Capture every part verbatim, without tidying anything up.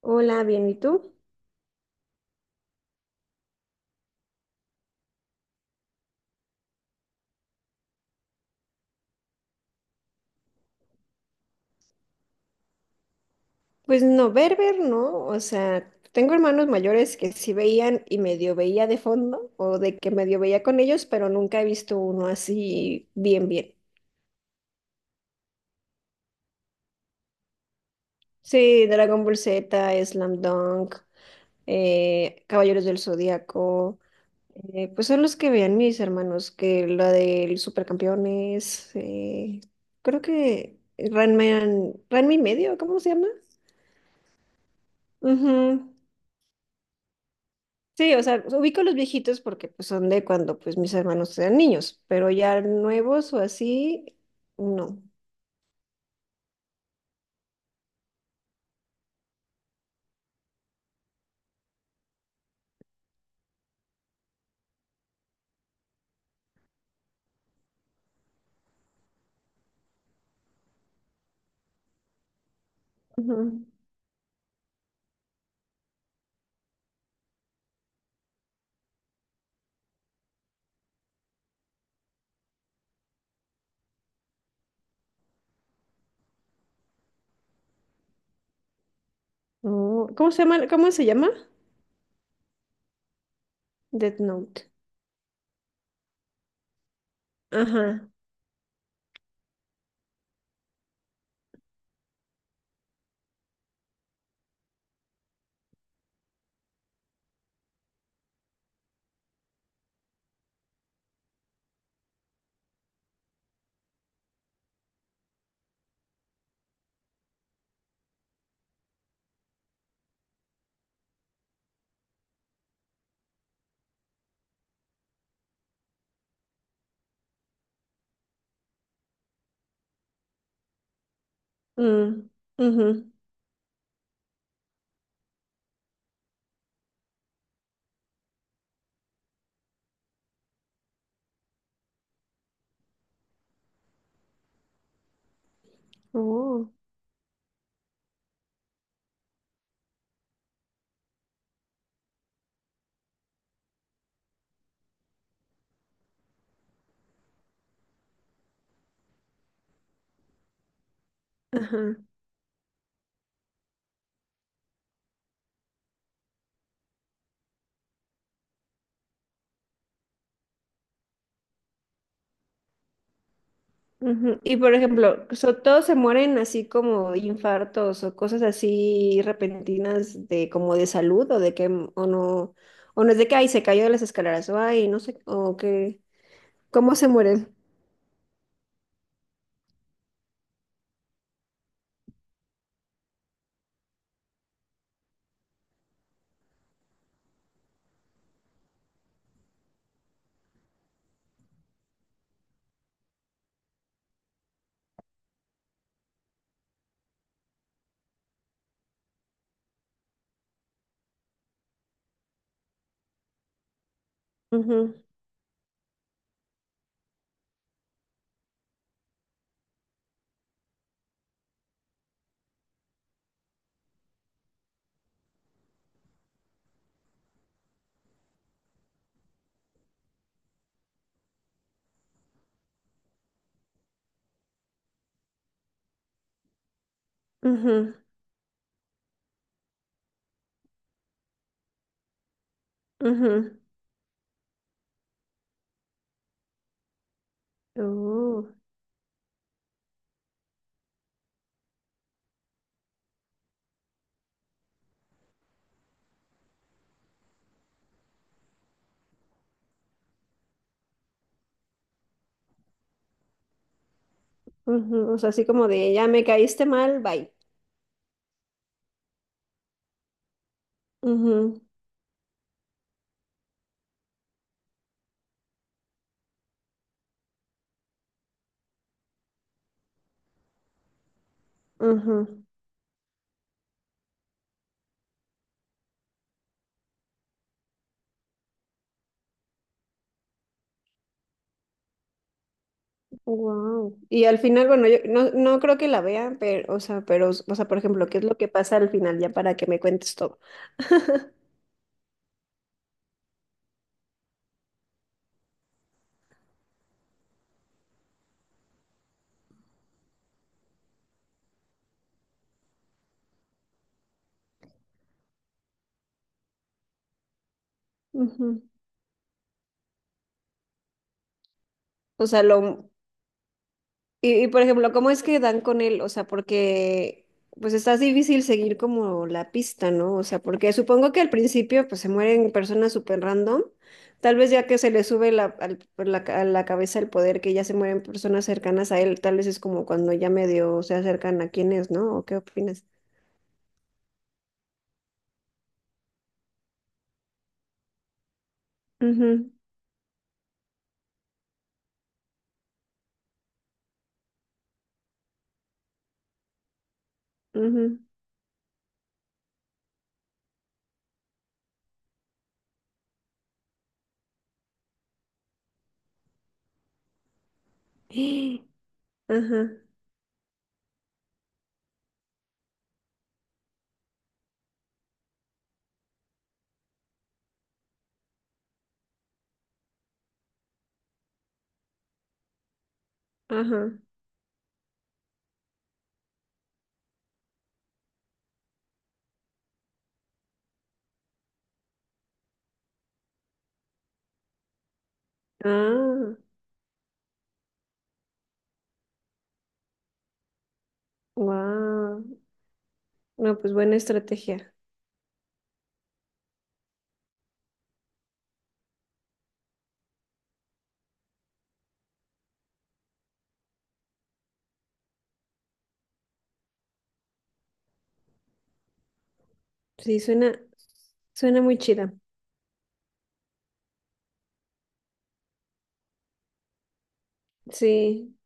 Hola, bien, ¿y tú? Pues no, ver, ver, no. O sea, tengo hermanos mayores que sí veían y medio veía de fondo o de que medio veía con ellos, pero nunca he visto uno así bien, bien. Sí, Dragon Ball Z, Slam Dunk, eh, Caballeros del Zodíaco. Eh, pues son los que veían mis hermanos, que la del Supercampeones, eh, creo que Ranma, Ranma y medio, ¿cómo se llama? Ujú. Sí, o sea, ubico los viejitos porque pues, son de cuando pues mis hermanos eran niños, pero ya nuevos o así, no. Ujú. No. ¿Cómo se llama? ¿Cómo se llama? Death Note. Ajá. Mm. Ujú. Oh. Ajá. Ujú. Y por ejemplo, so- todos se mueren así como de infartos o cosas así repentinas de como de salud o de que m- o no o no es de que ay se cayó de las escaleras o ay no sé o que cómo se mueren. Ujú, ujú. Ujú. Oh, ujú. O sea, así como de ya me caíste mal, bye. Ujú, ujú. Wow. Y al final, bueno, yo no, no creo que la vea pero, o sea, pero, o sea, por ejemplo, ¿qué es lo que pasa al final ya para que me cuentes todo? Ujú. O sea, lo, Y, y, por ejemplo, ¿cómo es que dan con él? O sea, porque pues está difícil seguir como la pista, ¿no? O sea, porque supongo que al principio pues se mueren personas súper random, tal vez ya que se le sube la, al- por la ca- a la cabeza el poder, que ya se mueren personas cercanas a él, tal vez es como cuando ya medio se acercan a quién es, ¿no? ¿O qué opinas? Mhm. Mhm. Ajá, ajá. Ah, wow. No, pues buena estrategia. Sí, suena, suena muy chida. Sí.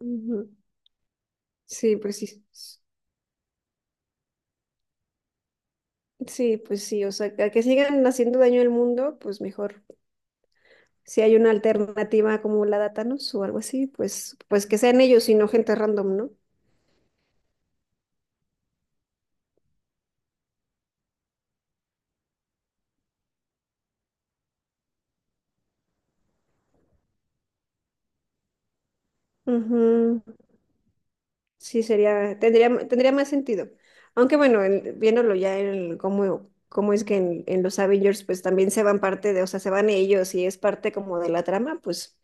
Ujú. Sí, pues sí. Sí, pues sí, o sea, que que sigan haciendo daño al mundo, pues mejor. Si hay una alternativa como la de Thanos o algo así, pues, pues que sean ellos y no gente random, ¿no? Ujú, sí, sería, tendría, tendría más sentido. Aunque bueno, en- viéndolo ya en el- cómo, cómo es que en, en los Avengers, pues también se van parte de, o sea, se van ellos y es parte como de la trama, pues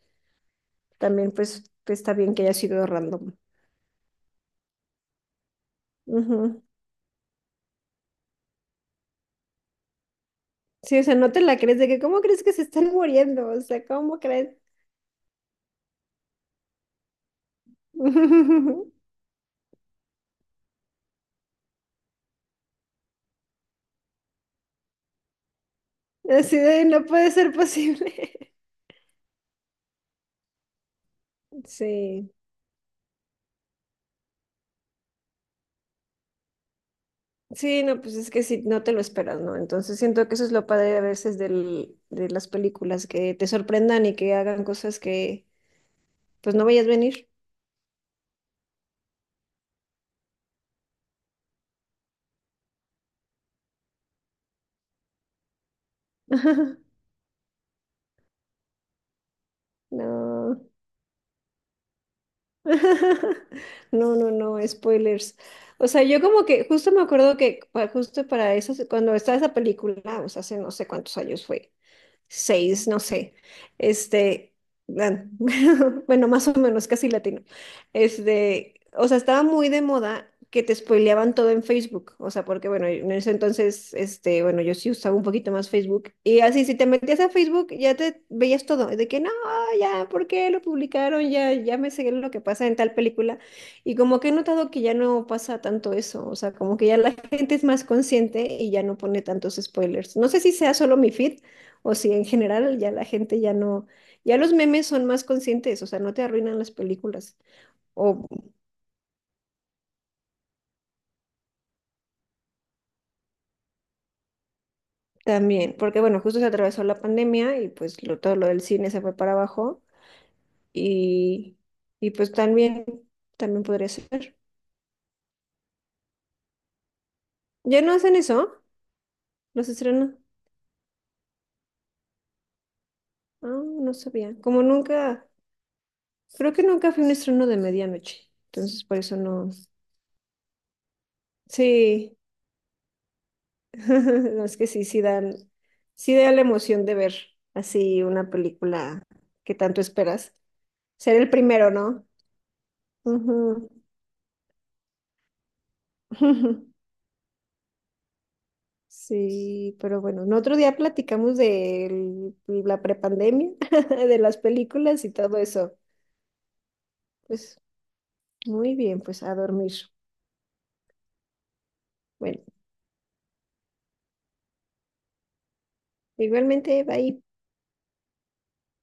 también pues, pues, está bien que haya sido random. Sí, o sea, no te la crees de que cómo crees que se están muriendo, o sea, ¿cómo crees? Así de no puede ser posible. Sí, sí, no, pues es que sí, no te lo esperas, ¿no? Entonces siento que eso es lo padre a veces del, de las películas, que te sorprendan y que hagan cosas que pues no vayas a venir. No. No, no, no, spoilers. O sea, yo como que justo me acuerdo que pa- justo para eso, cuando estaba esa película, o sea, hace no sé cuántos años fue. Seis, no sé, este, gan- bueno, más o menos, casi latino, este, o sea, estaba muy de moda que te spoileaban todo en Facebook, o sea, porque bueno, en ese entonces, este, bueno, yo sí usaba un poquito más Facebook, y así, si te metías a Facebook, ya te veías todo, de que no, ya, ¿por qué lo publicaron? Ya, ya me sé lo que pasa en tal película, y como que he notado que ya no pasa tanto eso, o sea, como que ya la gente es más consciente y ya no pone tantos spoilers, no sé si sea solo mi feed, o si en general ya la gente ya no, ya los memes son más conscientes, o sea, no te arruinan las películas. O también, porque bueno, justo se atravesó la pandemia y pues lo- todo lo del cine se fue para abajo y, y pues también, también podría ser. ¿Ya no hacen eso? ¿Los estrenos? Ah, no sabía. Como nunca, creo que nunca fui un estreno de medianoche, entonces por eso no. Sí, no, es que sí, sí dan, sí da la emoción de ver así una película que tanto esperas. Ser el primero, no. Ujú. Sí, pero bueno, en otro día platicamos de la prepandemia, de las películas y todo eso. Pues muy bien, pues a dormir. Bueno, igualmente, bye.